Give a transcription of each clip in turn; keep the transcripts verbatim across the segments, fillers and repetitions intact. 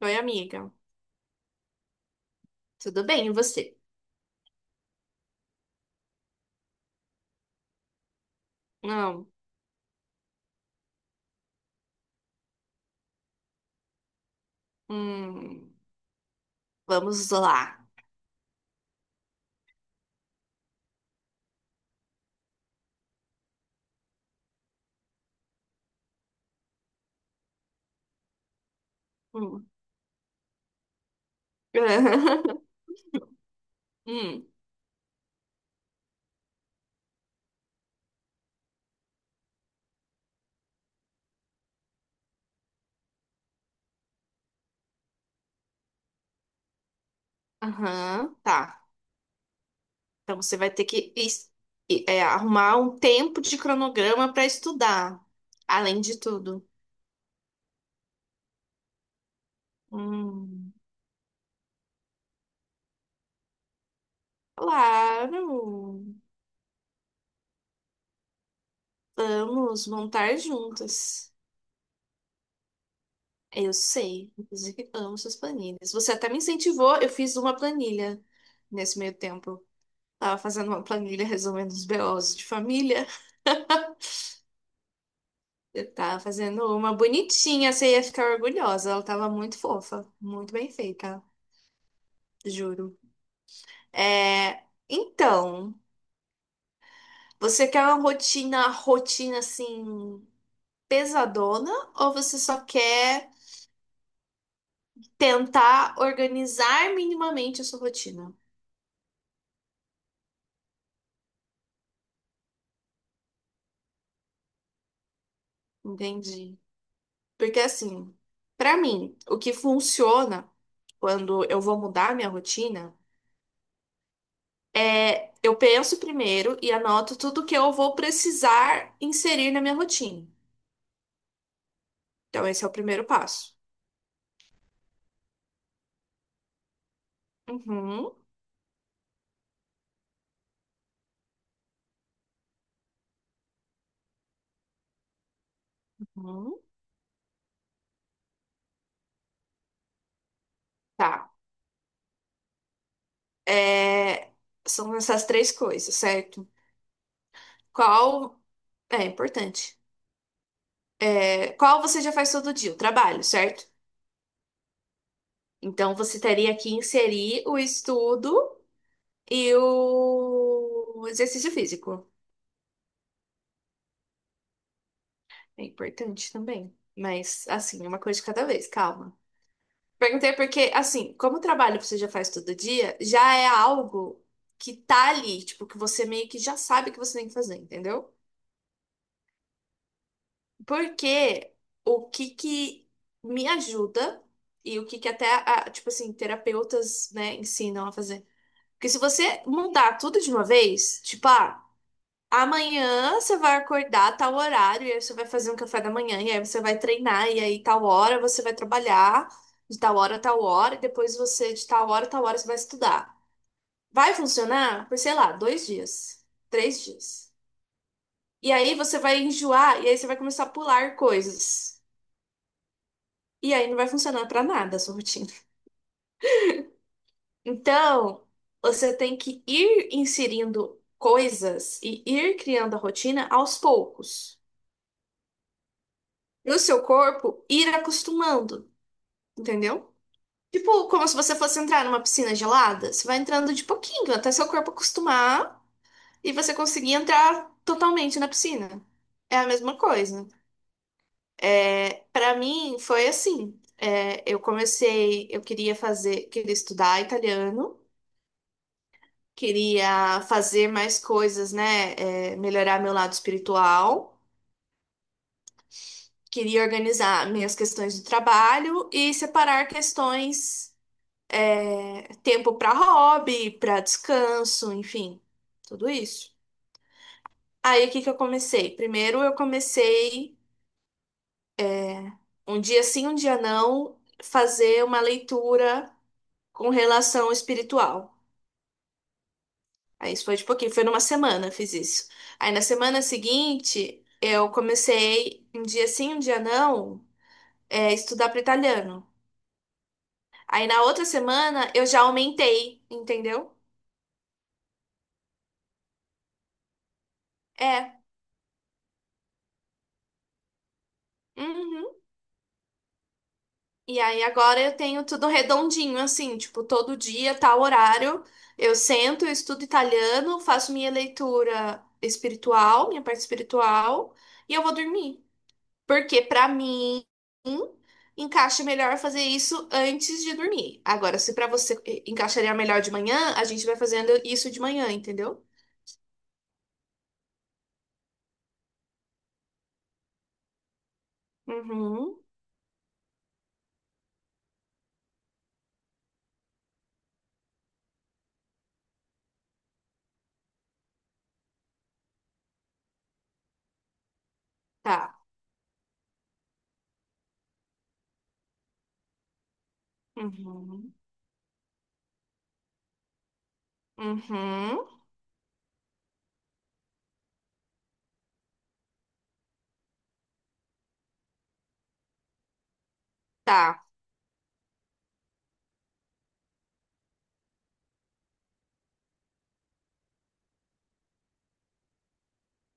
Oi, amiga. Tudo bem, e você? Não. Hum, vamos lá. Hum. Hum. Aham, tá. Então você vai ter que es- e- é, Arrumar um tempo de cronograma para estudar, além de tudo. Hum, claro. Vamos montar juntas. Eu sei, inclusive amo suas planilhas. Você até me incentivou, eu fiz uma planilha nesse meio tempo. Tava fazendo uma planilha resolvendo os B Os de família. Eu tava fazendo uma bonitinha, você ia ficar orgulhosa. Ela tava muito fofa, muito bem feita, juro. É, então, você quer uma rotina, rotina assim, pesadona, ou você só quer tentar organizar minimamente a sua rotina? Entendi. Porque assim, pra mim, o que funciona quando eu vou mudar minha rotina. É, eu penso primeiro e anoto tudo que eu vou precisar inserir na minha rotina. Então, esse é o primeiro passo. Uhum, uhum, tá. É, são essas três coisas, certo? Qual. É importante. É, qual você já faz todo dia? O trabalho, certo? Então, você teria que inserir o estudo e o exercício físico. É importante também. Mas, assim, uma coisa de cada vez, calma. Perguntei porque, assim, como o trabalho você já faz todo dia, já é algo que tá ali, tipo, que você meio que já sabe que você tem que fazer, entendeu? Porque o que que me ajuda e o que que até, a- tipo assim, terapeutas, né, ensinam a fazer. Porque se você mudar tudo de uma vez, tipo, ah, amanhã você vai acordar a tal horário, e aí você vai fazer um café da manhã, e aí você vai treinar, e aí tal hora você vai trabalhar, de tal hora a tal hora, e depois você, de tal hora a tal hora, você vai estudar. Vai funcionar por, sei lá, dois dias, três dias. E aí você vai enjoar, e aí você vai começar a pular coisas. E aí não vai funcionar pra nada a sua rotina. Então, você tem que ir inserindo coisas e ir criando a rotina aos poucos. E o seu corpo ir acostumando. Entendeu? Tipo, como se você fosse entrar numa piscina gelada. Você vai entrando de pouquinho, até seu corpo acostumar e você conseguir entrar totalmente na piscina. É a mesma coisa. É, para mim, foi assim. É, eu comecei, eu queria fazer, queria estudar italiano, queria fazer mais coisas, né? É, melhorar meu lado espiritual, queria organizar minhas questões do trabalho e separar questões. Tempo para hobby, para descanso, enfim, tudo isso. Aí o que que eu comecei? Primeiro eu comecei um dia sim, um dia não, fazer uma leitura com relação espiritual. Aí isso foi de pouquinho, foi numa semana eu fiz isso. Aí na semana seguinte eu comecei um dia sim, um dia não, é, estudar para italiano. Aí na outra semana eu já aumentei, entendeu? É. Uhum. E aí agora eu tenho tudo redondinho, assim, tipo, todo dia, tal horário, eu sento, eu estudo italiano, faço minha leitura espiritual, minha parte espiritual, e eu vou dormir. Porque pra mim encaixa melhor fazer isso antes de dormir. Agora, se pra você eh, encaixaria melhor de manhã, a gente vai fazendo isso de manhã, entendeu? Uhum, tá. Uhum, uhum, tá.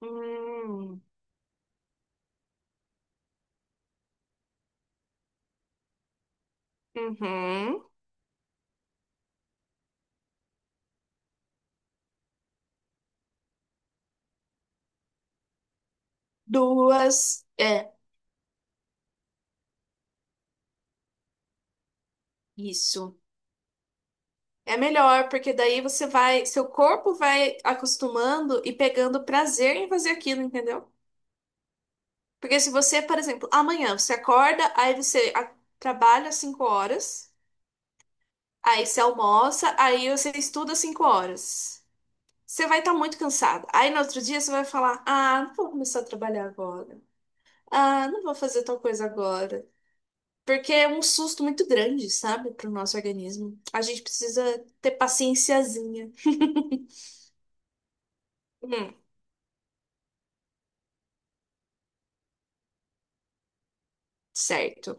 Hum, uhum. Duas. É, isso. É melhor, porque daí você vai, seu corpo vai acostumando e pegando prazer em fazer aquilo, entendeu? Porque se você, por exemplo, amanhã você acorda, aí você a- trabalha cinco horas, aí você almoça, aí você estuda cinco horas. Você vai estar muito cansada. Aí no outro dia você vai falar: "Ah, não vou começar a trabalhar agora. Ah, não vou fazer tal coisa agora." Porque é um susto muito grande, sabe, para o nosso organismo. A gente precisa ter paciênciazinha. Certo.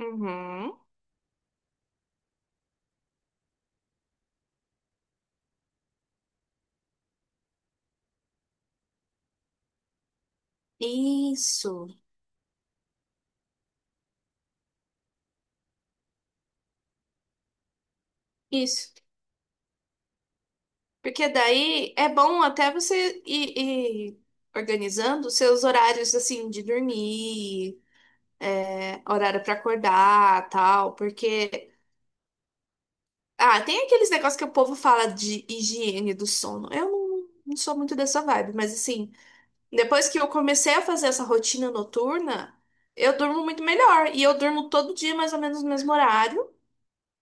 Uhum. Isso, isso. Porque daí é bom até você ir, ir organizando os seus horários assim de dormir, é, horário para acordar, tal, porque ah, tem aqueles negócios que o povo fala de higiene do sono. Eu não, não sou muito dessa vibe, mas assim, depois que eu comecei a fazer essa rotina noturna, eu durmo muito melhor e eu durmo todo dia mais ou menos no mesmo horário.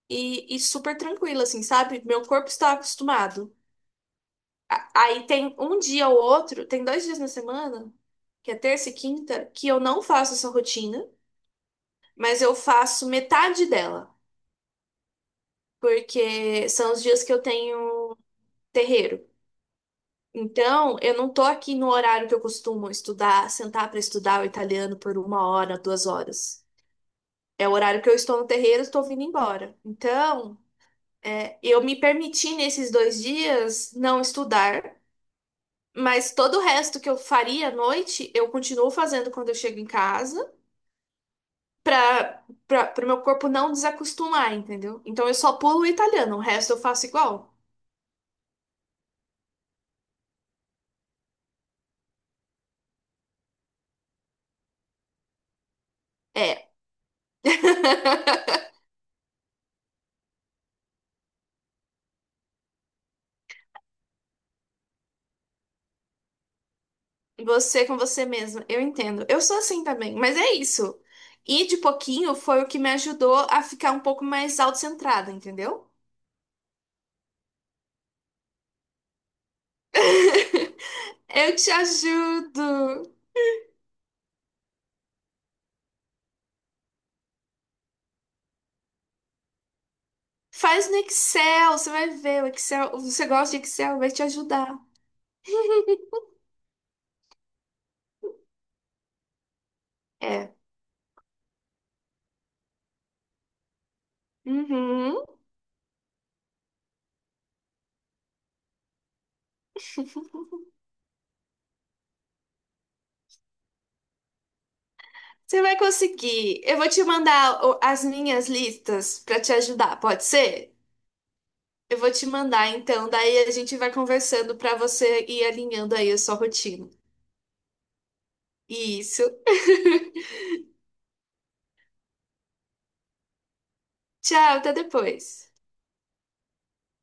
e, e super tranquila, assim, sabe? Meu corpo está acostumado. A- Aí tem um dia ou outro, tem dois dias na semana, que é terça e quinta, que eu não faço essa rotina, mas eu faço metade dela, porque são os dias que eu tenho terreiro. Então, eu não tô aqui no horário que eu costumo estudar, sentar para estudar o italiano por uma hora, duas horas. É o horário que eu estou no terreiro, estou vindo embora. Então, é, eu me permiti nesses dois dias não estudar. Mas todo o resto que eu faria à noite, eu continuo fazendo quando eu chego em casa, pra, pra, pro meu corpo não desacostumar, entendeu? Então eu só pulo o italiano, o resto eu faço igual. É. Você com você mesma, eu entendo. Eu sou assim também, mas é isso. E de pouquinho foi o que me ajudou a ficar um pouco mais autocentrada, entendeu? Eu te ajudo. Faz no Excel, você vai ver. O Excel, você gosta de Excel, vai te ajudar. É. Uhum. Você vai conseguir. Eu vou te mandar o- as minhas listas para te ajudar, pode ser? Eu vou te mandar então, daí a gente vai conversando para você ir alinhando aí a sua rotina. Isso. Tchau, até depois.